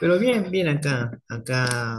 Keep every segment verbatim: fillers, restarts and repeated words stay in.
Pero bien, bien acá. Acá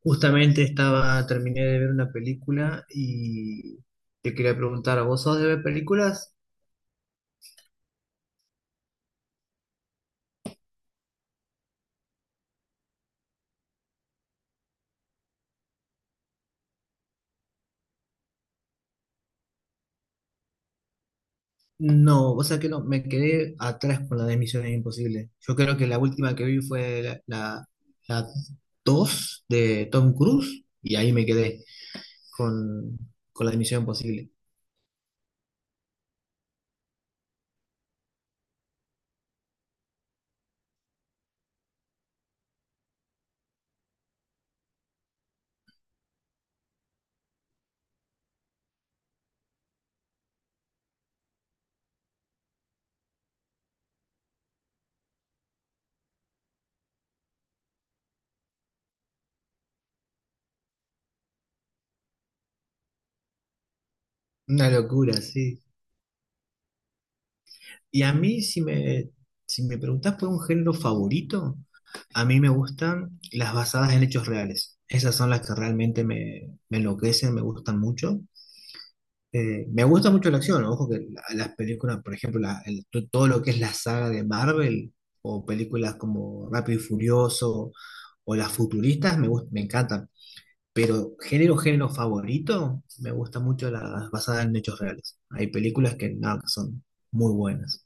justamente estaba, terminé de ver una película y te quería preguntar, ¿vos sos de ver películas? No, o sea que no, me quedé atrás con la de Misiones Imposibles. Yo creo que la última que vi fue la, la, la dos de Tom Cruise y ahí me quedé con, con la de Misión Imposible. Una locura, sí. Y a mí, si me, si me preguntás por un género favorito, a mí me gustan las basadas en hechos reales. Esas son las que realmente me, me enloquecen, me gustan mucho. Eh, me gusta mucho la acción, ojo que la- las películas, por ejemplo, la- el- to- todo lo que es la saga de Marvel o películas como Rápido y Furioso o las futuristas me, gust- me encantan. Pero género, género favorito, me gusta mucho las basadas en hechos reales. Hay películas que, nada, que son muy buenas.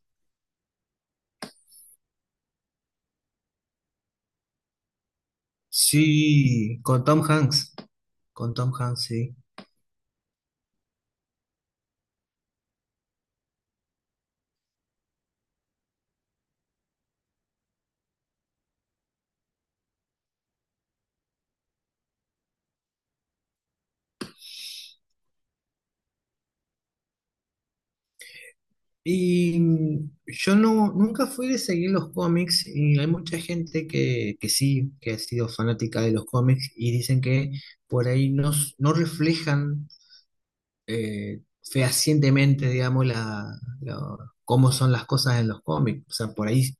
Sí, con Tom Hanks, con Tom Hanks, sí. Y mm, yo no, nunca fui de seguir los cómics y hay mucha gente que, que sí, que ha sido fanática de los cómics y dicen que por ahí no, s- no reflejan eh, fehacientemente, digamos, la, la- cómo son las cosas en los cómics. O sea, por ahí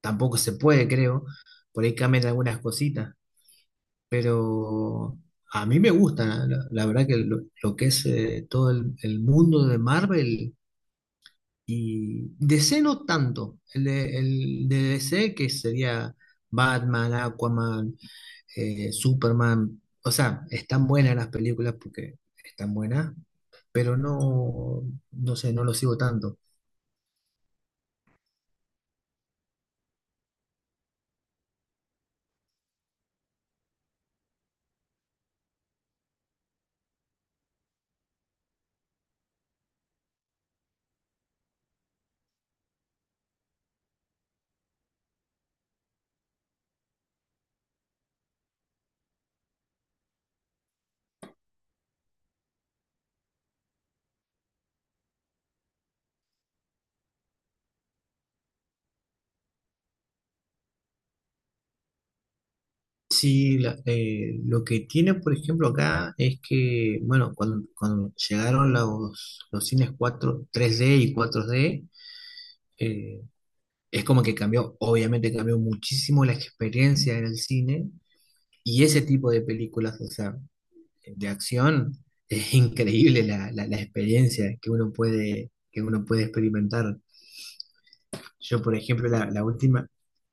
tampoco se puede, creo. Por ahí cambian algunas cositas. Pero a mí me gusta, la, la- la verdad que lo, lo que es eh, todo el, el mundo de Marvel y D C no tanto. El de, el de D C que sería Batman, Aquaman, eh, Superman. O sea, están buenas las películas porque están buenas, pero no, no sé, no lo sigo tanto. Sí, la- eh, lo que tiene, por ejemplo, acá es que, bueno, cuando, cuando llegaron los, los cines cuatro tres d y cuatro d eh, es como que cambió, obviamente cambió muchísimo la experiencia en el cine y ese tipo de películas, o sea, de acción, es increíble la, la- la experiencia que uno puede, que uno puede experimentar. Yo, por ejemplo, la, la última,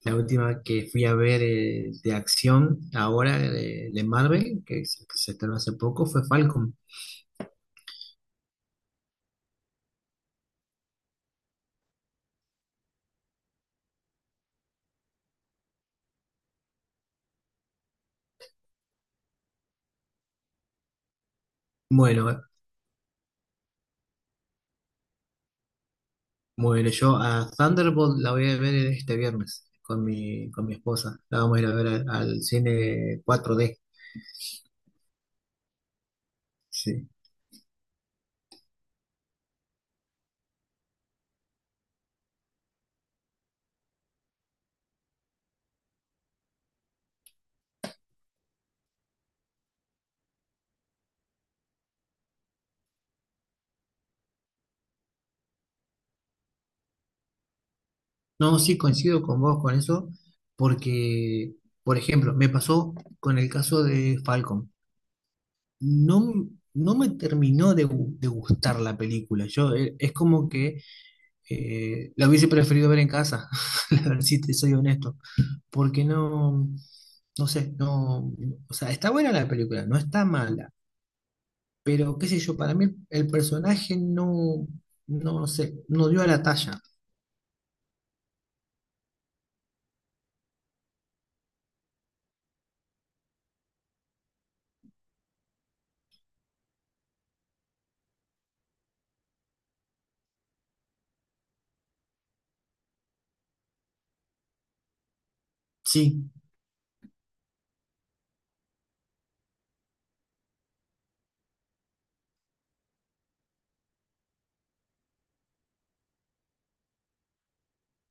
la última que fui a ver eh, de acción ahora de, de Marvel, que se, que se estrenó hace poco, fue Falcon. Bueno, bueno, yo a Thunderbolt la voy a ver este viernes con mi, con mi esposa. La vamos a ir a ver al, al cine cuatro d. Sí. No, sí coincido con vos con eso, porque, por ejemplo, me pasó con el caso de Falcon. No, no me terminó de, gu- de gustar la película. Yo, eh, es como que Eh, la hubiese preferido ver en casa, la verdad, si te soy honesto. Porque no, no sé, no, o sea, está buena la película, no está mala, pero qué sé yo, para mí el personaje no, no sé, no dio a la talla. Sí,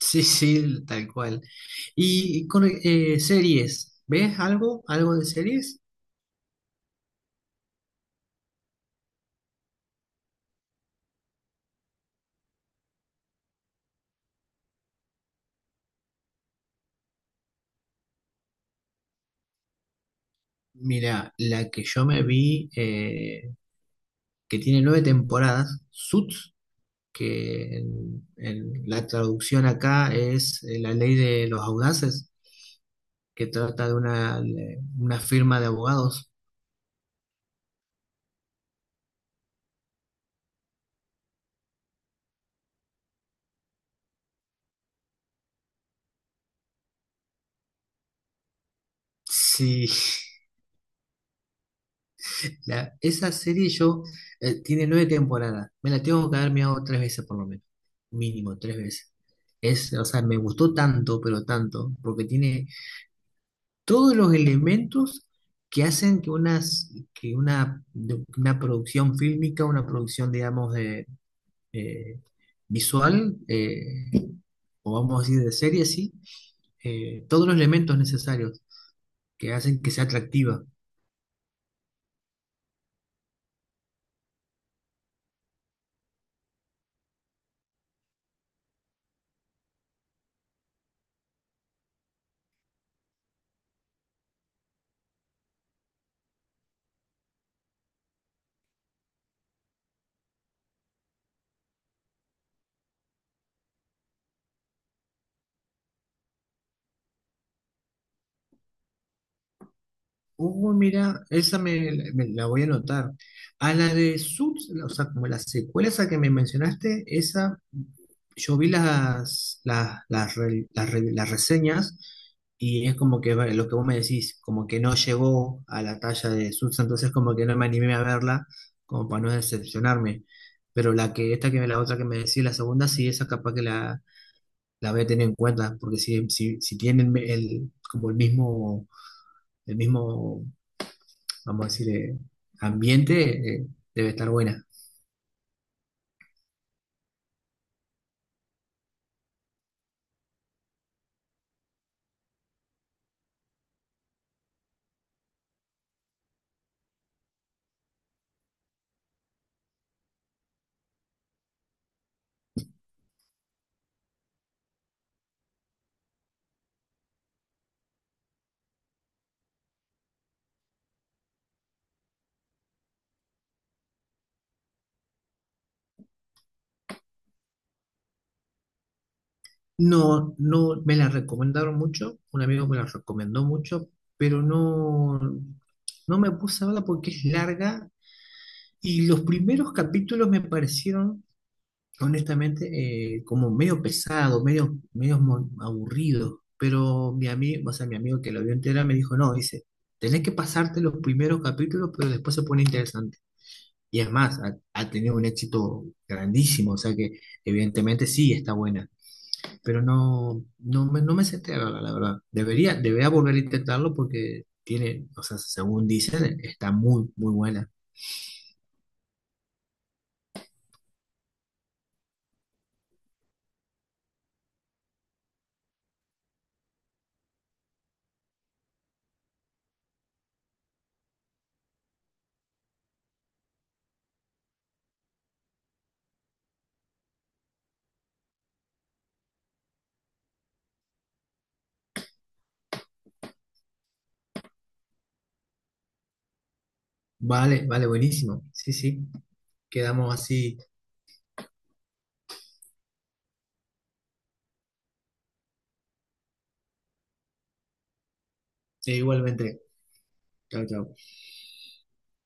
sí, sí, tal cual. Y con eh, series, ¿ves algo? ¿Algo de series? Mira, la que yo me vi, eh, que tiene nueve temporadas, Suits, que en, en la traducción acá es eh, la ley de los audaces, que trata de una, una firma de abogados. Sí, la- esa serie yo eh, tiene nueve temporadas. Me la tengo que haber mirado tres veces por lo menos. Mínimo, tres veces. Es, o sea, me gustó tanto, pero tanto, porque tiene todos los elementos que hacen que, unas, que una, de- una producción fílmica, una producción, digamos, de, eh, visual, eh, o vamos a decir de serie, sí, eh, todos los elementos necesarios que hacen que sea atractiva. Uh, mira, esa me, me la voy a anotar. A la de Suits, o sea, como la secuela esa que me mencionaste, esa, yo vi las, las, las, re- las re- las reseñas y es como que va- lo que vos me decís, como que no llegó a la talla de Suits, entonces como que no me animé a verla, como para no decepcionarme. Pero la que, esta que la otra que me decís, la segunda, sí, esa capaz que la, la voy a tener en cuenta, porque si, si, si tienen el, como el mismo el mismo vamos a decir, eh, ambiente, eh, debe estar buena. No, no me la recomendaron mucho, un amigo me la recomendó mucho, pero no, no me puse a verla porque es larga y los primeros capítulos me parecieron, honestamente, eh, como medio pesado, medio, medio mo- aburrido. Pero mi amigo, o sea, mi amigo que lo vio entera me dijo, no, dice, tenés que pasarte los primeros capítulos, pero después se pone interesante. Y es más, ha, ha tenido un éxito grandísimo, o sea que evidentemente sí está buena, pero no, no me, no me senté a verla, la verdad. Debería, debería volver a intentarlo porque tiene, o sea, según dicen, está muy, muy buena. Vale, vale, buenísimo. Sí, sí, quedamos así. E igualmente. Chao, chao.